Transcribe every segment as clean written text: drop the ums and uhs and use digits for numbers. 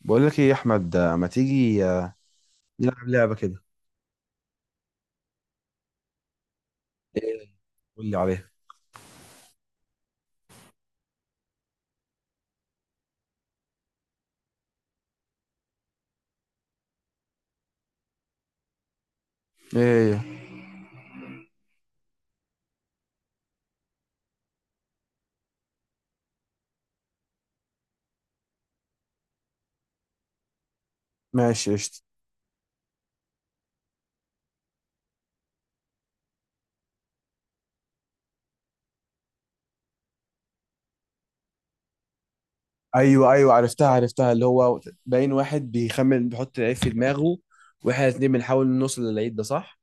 بقول لك ايه يا احمد، ما تيجي نلعب لعبه كده. ايه، قول لي عليها. ايه هي؟ ماشي، قشطة. ايوه، ايوه، عرفتها اللي هو، باين واحد بيخمن بيحط لعيب في دماغه، واحنا الاتنين بنحاول نوصل للعيب ده، صح؟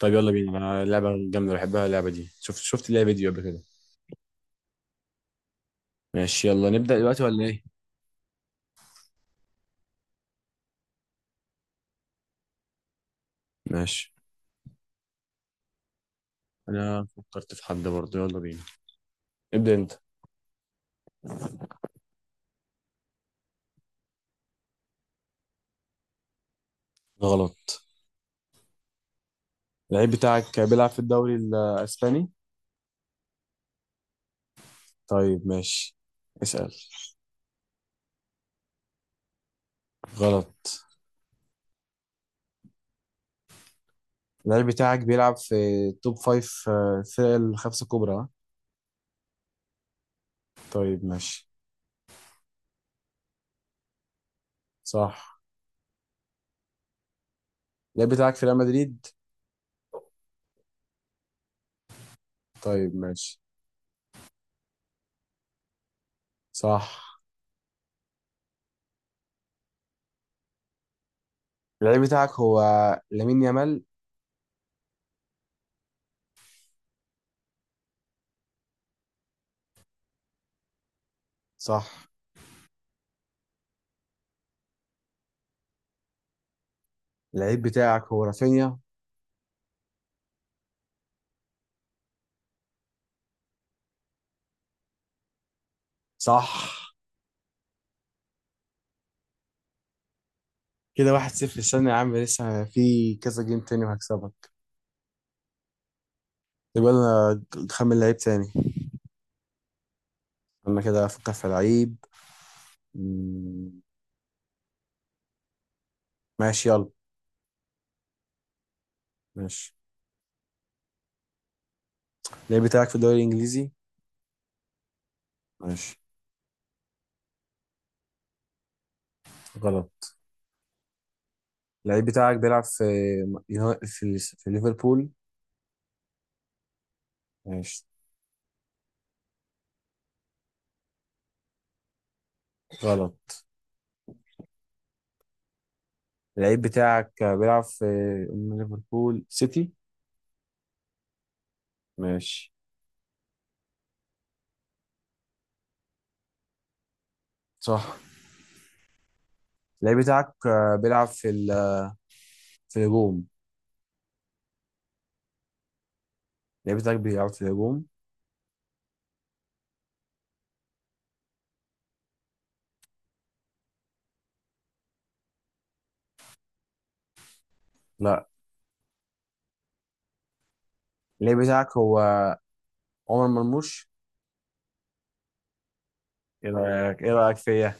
طيب يلا بينا، انا لعبة جامدة بحبها اللعبة دي، شفت ليها فيديو قبل كده. ماشي، يلا نبدأ دلوقتي ولا ايه؟ ماشي، انا فكرت في حد برضه، يلا بينا. ابدأ انت. غلط. اللعيب بتاعك بيلعب في الدوري الاسباني؟ طيب، ماشي. اسأل. غلط. اللعيب بتاعك بيلعب في توب فايف، الفرق الخمسة الكبرى، ها؟ طيب، ماشي. صح. اللعيب بتاعك في ريال مدريد؟ طيب، ماشي. صح. اللعيب بتاعك هو لامين يامال؟ صح. اللعيب بتاعك هو رافينيا؟ صح. كده واحد صفر، استنى يا عم، لسه في كذا جيم تاني وهكسبك. يبقى انا خمن لعيب تاني. انا كده افكر في لعيب. مم، ماشي، يلا. ماشي. اللعيب بتاعك في الدوري الانجليزي؟ ماشي. غلط. اللعيب بتاعك بيلعب في في ليفربول؟ ماشي. غلط. اللعيب بتاعك بيلعب في ليفربول سيتي؟ ماشي. صح. اللعيب بتاعك بيلعب في الهجوم؟ اللعيب بتاعك بيلعب في الهجوم؟ لا. اللعيب بتاعك هو عمر مرموش؟ ايه رأيك فيا؟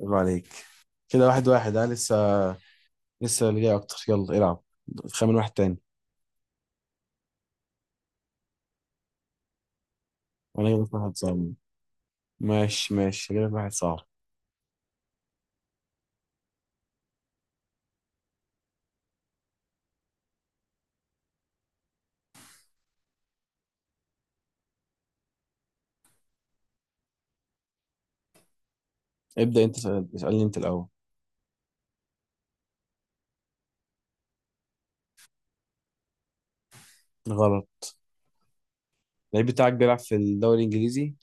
عيب عليك. كده واحد واحد، ها، لسه اللي جاي اكتر، يلا العب. خمن واحد تاني. وانا جايب لك واحد صعب. ماشي، ماشي، جايب لك واحد صعب. ابدأ انت، اسألني انت الاول. غلط. اللعيب بتاعك بيلعب في الدوري الانجليزي؟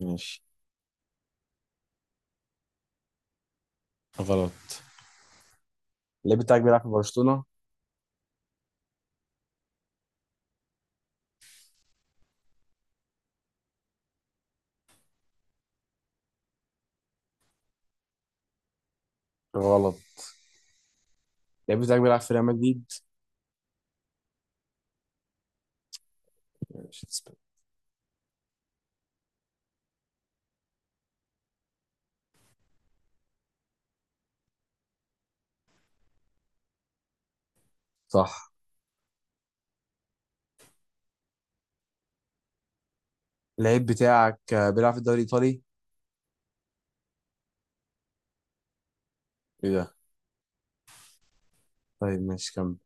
ماشي. غلط. اللعيب بتاعك بيلعب في برشلونة؟ غلط. اللعيب بتاعك بيلعب في ريال مدريد؟ ماشي. صح. اللعيب بتاعك بيلعب في الدوري الايطالي؟ ايه ده. طيب، ماشي، كمل.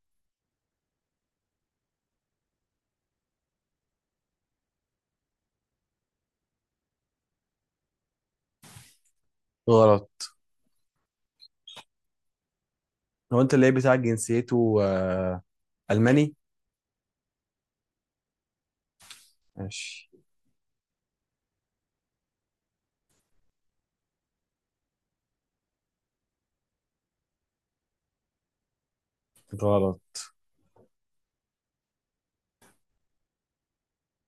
غلط. هو انت اللعيب بتاعك جنسيته الماني؟ ماشي. غلط.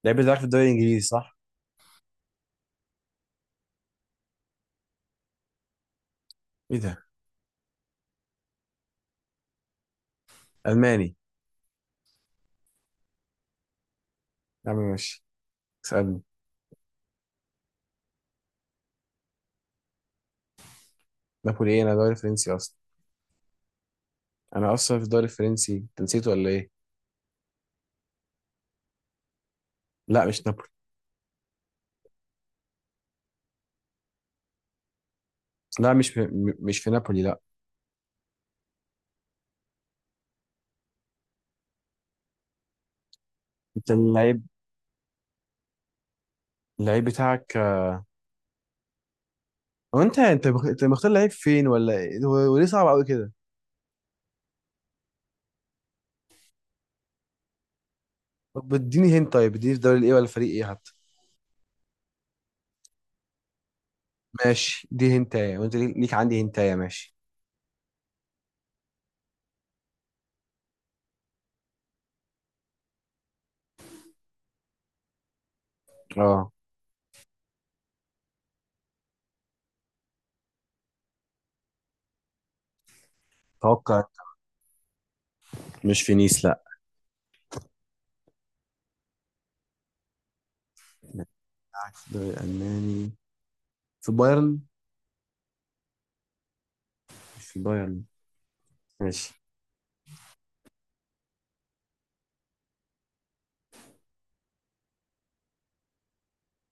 اللعيب بتاعك في الدوري الانجليزي، صح؟ ايه ده. الماني. يا عم ماشي. اسالني. نابولي ايه؟ انا دوري فرنسي اصلا. انا اصلا في الدوري الفرنسي، انت نسيته ولا ايه؟ لا، مش نابولي. لا، مش في نابولي، لا. انت اللعيب. اللعيب بتاعك. هو انت مختار لعيب فين ولا ايه؟ وليه صعب قوي كده. طب اديني هنت، طيب، اديني في دوري ايه ولا فريق ايه حتى. ماشي، دي هنتايه، وانت ليك عندي هنتايه، ماشي. اه. توقع. مش في نيس، لا. بتاعك في الدوري الالماني، في بايرن؟ مش في بايرن. ماشي.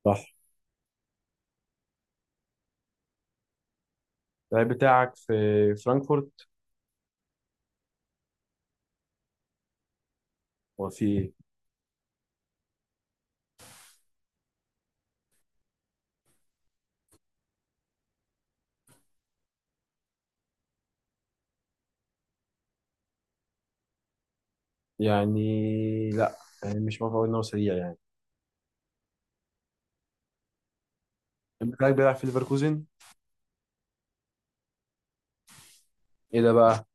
صح. اللعيب بتاعك في فرانكفورت؟ هو في ايه؟ يعني لا. يعني مش بعرف اقول ان هو سريع يعني. اللعيب بتاعك بيلعب في ليفركوزن؟ ايه ده بقى.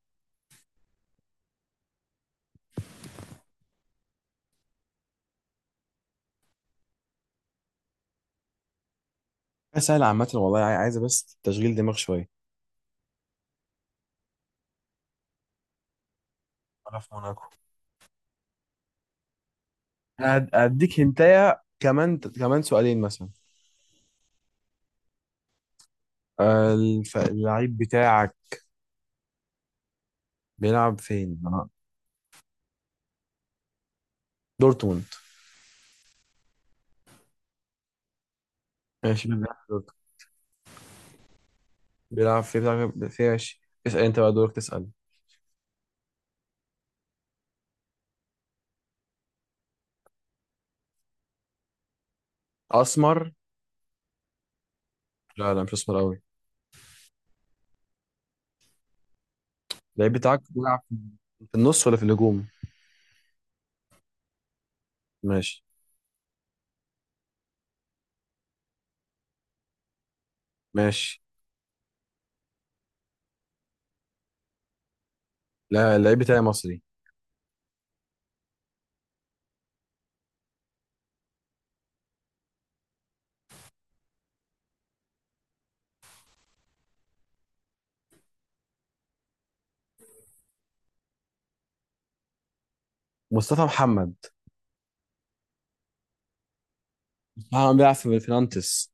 سهل عامة والله، عايزة بس تشغيل دماغ شوية. ولا في موناكو. هديك هنتايا، كمان سؤالين مثلا. اللعيب بتاعك بيلعب فين؟ دورتموند. ماشي، بيلعب في دورتموند. بيلعب في ماشي. اسأل انت بقى، دورك تسأل. أسمر؟ لا، لا، مش أسمر أوي. اللعيب بتاعك بيلعب في النص ولا في الهجوم؟ ماشي، ماشي. لا، اللعيب بتاعي مصري. مصطفى محمد. مصطفى محمد بيلعب في نانتس.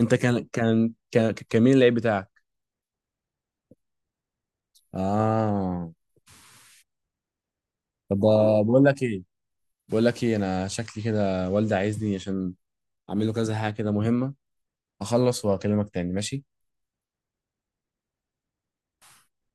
انت كان مين اللعيب بتاعك؟ اه. طب، بقول لك ايه، انا شكلي كده والدي عايزني عشان اعمل له كذا حاجه كده مهمه، اخلص واكلمك تاني، ماشي؟